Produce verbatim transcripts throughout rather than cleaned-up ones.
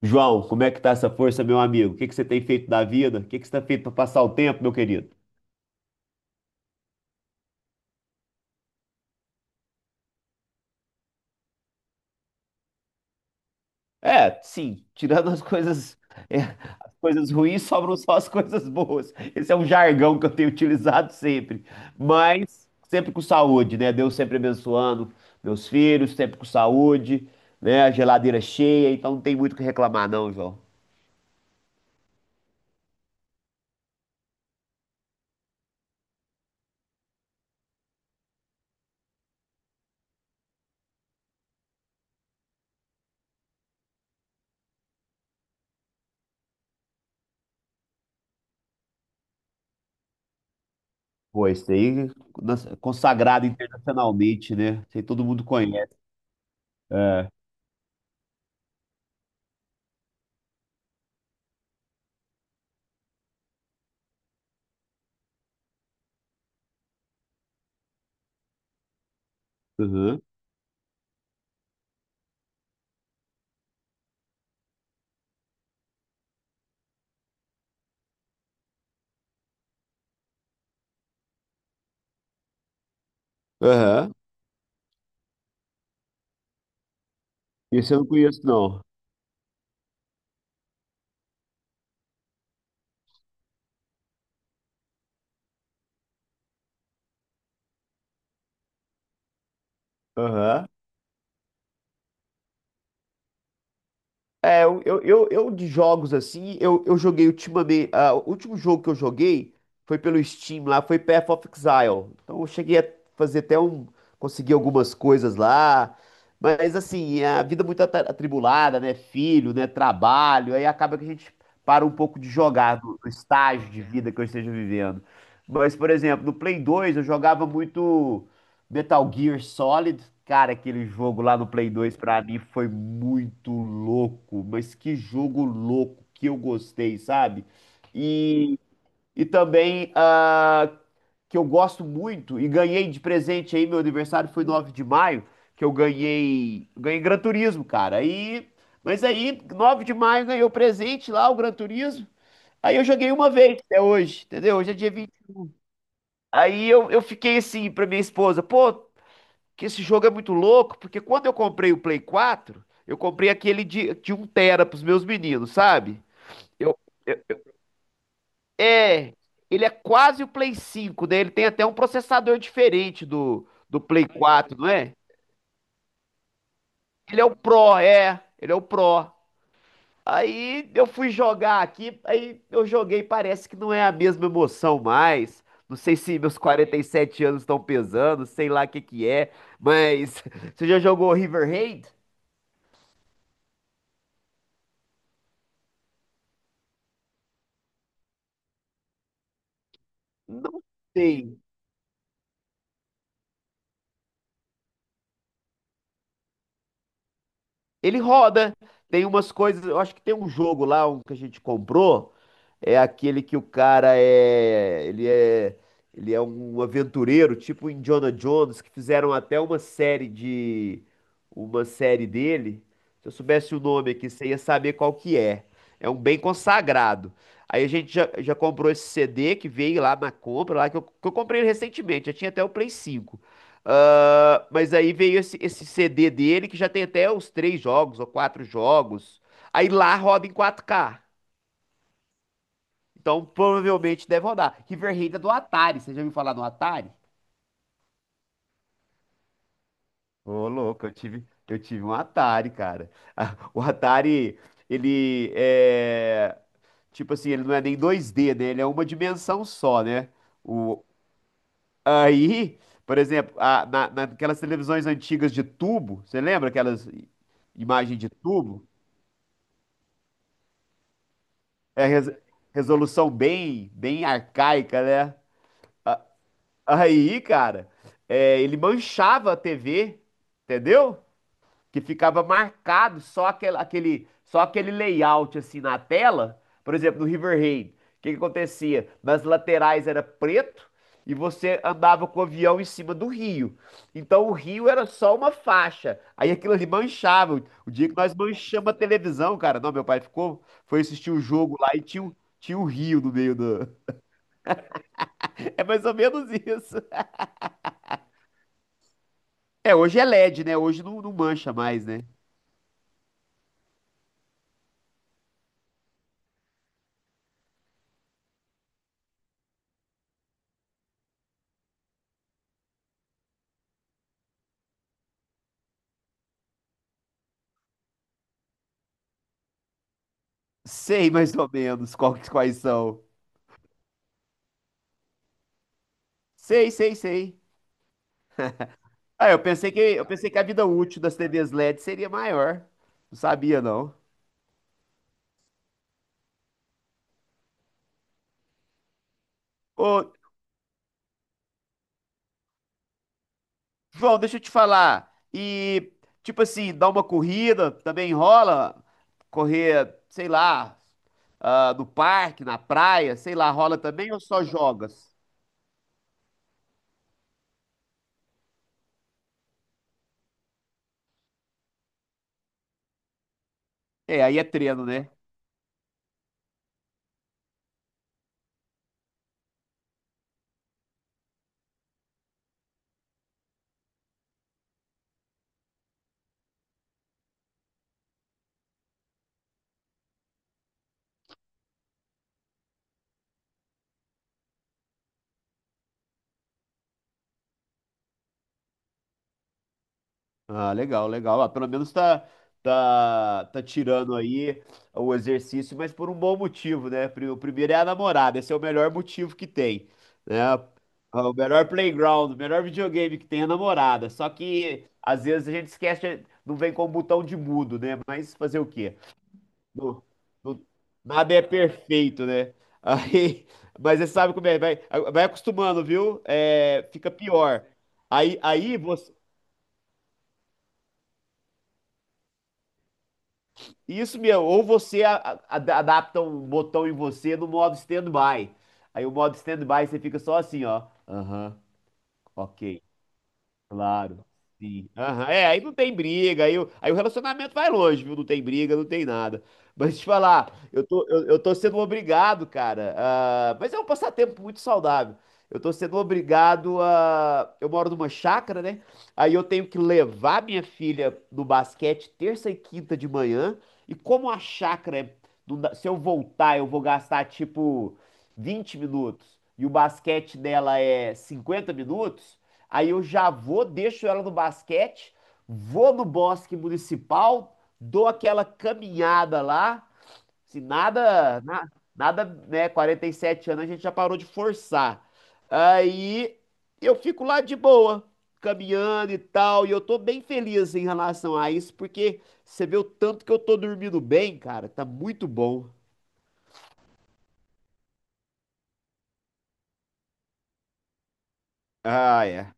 João, como é que tá essa força, meu amigo? O que que você tem feito da vida? O que que você tem feito para passar o tempo, meu querido? É, sim, tirando as coisas, é, as coisas ruins, sobram só as coisas boas. Esse é um jargão que eu tenho utilizado sempre, mas sempre com saúde, né? Deus sempre abençoando meus filhos, sempre com saúde, né? A geladeira cheia, então não tem muito o que reclamar, não, João. Pô, esse aí nas- consagrado internacionalmente, né? Isso aí todo mundo conhece. É. Uhum. Aham. Esse eu não conheço, não. Aham. É, eu, eu, eu, eu de jogos assim, eu, eu joguei ultimamente. ah, o último jogo que eu joguei foi pelo Steam lá, foi Path of Exile. Então eu cheguei a fazer até um. Consegui algumas coisas lá. Mas assim, é a vida muito ata- atribulada, né? Filho, né? Trabalho. Aí acaba que a gente para um pouco de jogar do, do estágio de vida que eu esteja vivendo. Mas, por exemplo, no Play dois eu jogava muito. Metal Gear Solid, cara, aquele jogo lá no Play dois pra mim foi muito louco, mas que jogo louco que eu gostei, sabe? E, e também ah, que eu gosto muito e ganhei de presente aí, meu aniversário foi nove de maio, que eu ganhei, ganhei Gran Turismo, cara. Aí, mas aí nove de maio ganhei o presente lá, o Gran Turismo. Aí eu joguei uma vez até hoje, entendeu? Hoje é dia vinte. Aí eu, eu fiquei assim pra minha esposa, pô, que esse jogo é muito louco, porque quando eu comprei o Play quatro, eu comprei aquele de, de um tera pros meus meninos, sabe? Eu, é, ele é quase o Play cinco, né? Ele tem até um processador diferente do, do Play quatro, não é? Ele é o Pro, é, ele é o Pro. Aí eu fui jogar aqui, aí eu joguei, parece que não é a mesma emoção mais. Não sei se meus quarenta e sete anos estão pesando, sei lá o que que é, mas você já jogou Riverhead? Não sei. Ele roda. Tem umas coisas. Eu acho que tem um jogo lá, um que a gente comprou, é aquele que o cara é. Ele é. Ele é um aventureiro, tipo o Indiana Jones, que fizeram até uma série de. Uma série dele. Se eu soubesse o nome aqui, você ia saber qual que é. É um bem consagrado. Aí a gente já, já comprou esse C D que veio lá na compra, lá que eu, que eu comprei ele recentemente, já tinha até o Play cinco. Ah, mas aí veio esse, esse C D dele que já tem até os três jogos ou quatro jogos. Aí lá roda em quatro K. Então provavelmente deve rodar. River Raid é do Atari. Você já ouviu falar no Atari? Ô, louco, eu tive, eu tive um Atari, cara. O Atari, ele é. Tipo assim, ele não é nem dois D, né? Ele é uma dimensão só, né? O... Aí, por exemplo, a- na, naquelas televisões antigas de tubo, você lembra aquelas i- imagens de tubo? É res- resolução bem, bem arcaica, né? Aí, cara, é, ele manchava a T V, entendeu? Que ficava marcado só aquele, aquele- só aquele layout assim na tela. Por exemplo, no Riverhead, o que que acontecia? Nas laterais era preto e você andava com o avião em cima do rio. Então o rio era só uma faixa. Aí aquilo ali manchava. O dia que nós manchamos a televisão, cara, não, meu pai ficou, foi assistir o jogo lá e tinha, o- tinha o rio no meio do. É mais ou menos isso. É, hoje é L E D, né? Hoje não, não mancha mais, né? Sei mais ou menos qual, que- quais são. Sei, sei, sei. Ah, eu pensei que, eu pensei que a vida útil das T Vs L E D seria maior. Não sabia, não. Ô, João, deixa eu te falar. E, tipo assim, dar uma corrida também rola? Correr, sei lá, ah, no parque, na praia, sei lá, rola também ou só jogas? É, aí é treino, né? Ah, legal, legal. Ah, pelo menos tá, tá, tá tirando aí o exercício, mas por um bom motivo, né? Pri- O primeiro é a namorada, esse é o melhor motivo que tem, né? Ah, o melhor playground, o melhor videogame que tem é a namorada. Só que às vezes a gente esquece, não vem com o botão de mudo, né? Mas fazer o quê? Não- não- nada é perfeito, né? Aí, mas você sabe como é, vai, vai acostumando, viu? É, fica pior. Aí, aí você isso mesmo, ou você a- a- adapta um botão em você no modo stand-by. Aí o modo stand-by você fica só assim, ó. Aham, ok. Claro. Sim. Aham. É, aí não tem briga, aí, o- aí o relacionamento vai longe, viu? Não tem briga, não tem nada. Mas te falar, eu tô, eu, eu tô sendo obrigado, cara. ah, mas é um passatempo muito saudável. Eu tô sendo obrigado a. Eu moro numa chácara, né? Aí eu tenho que levar minha filha no basquete terça e quinta de manhã. E como a chácara é. não dá- Se eu voltar, eu vou gastar tipo vinte minutos. E o basquete dela é cinquenta minutos. Aí eu já vou, deixo ela no basquete, vou no bosque municipal, dou aquela caminhada lá. Se nada, na- Nada, né? quarenta e sete anos a gente já parou de forçar. Aí eu fico lá de boa, caminhando e tal, e eu tô bem feliz em relação a isso, porque você vê o tanto que eu tô dormindo bem, cara, tá muito bom. Ah, é.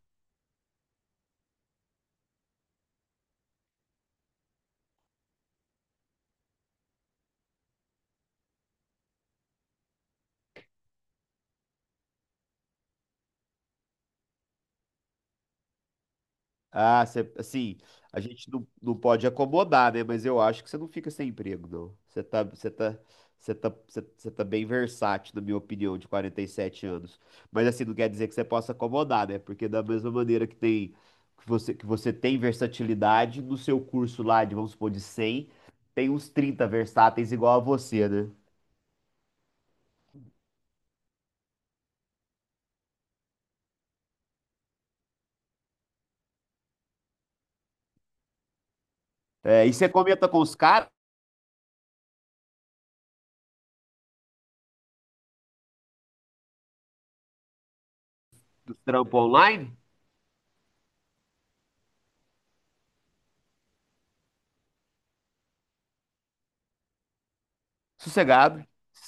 Ah, cê- assim, a gente não, não pode acomodar, né? Mas eu acho que você não fica sem emprego, não. Você tá, você tá, você tá, você você tá bem versátil, na minha opinião, de quarenta e sete anos. Mas assim, não quer dizer que você possa acomodar, né? Porque da mesma maneira que tem, que você, que você tem versatilidade, no seu curso lá de, vamos supor, de cem, tem uns trinta versáteis igual a você, né? É, e você comenta com os caras do trampo online? Sossegado.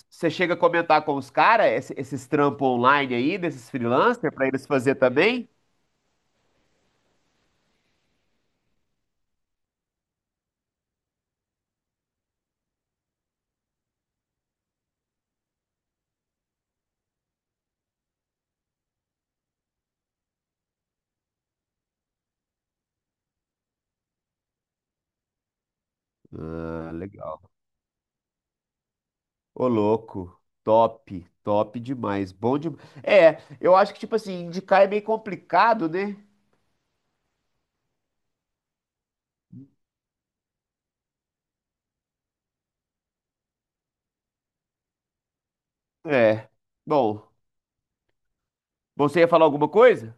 Você chega a comentar com os caras esse- esses trampos online aí, desses freelancers, pra eles fazer também? Ah, legal. Ô, louco. Top, top demais. Bom demais. É, eu acho que, tipo assim, indicar é meio complicado, né? É. Bom, você ia falar alguma coisa?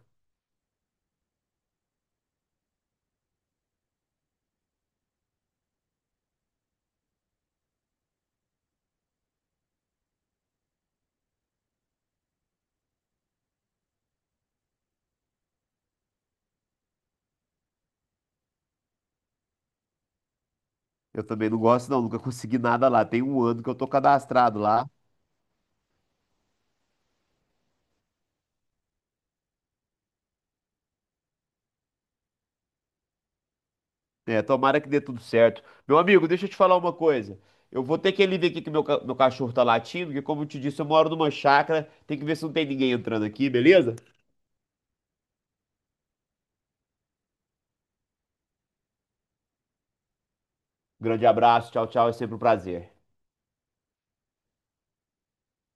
Eu também não gosto, não. Nunca consegui nada lá. Tem um ano que eu tô cadastrado lá. É, tomara que dê tudo certo. Meu amigo, deixa eu te falar uma coisa. Eu vou ter que ali ver aqui que meu, ca- meu cachorro tá latindo, porque como eu te disse, eu moro numa chácara. Tem que ver se não tem ninguém entrando aqui, beleza? Grande abraço, tchau, tchau, é sempre um prazer.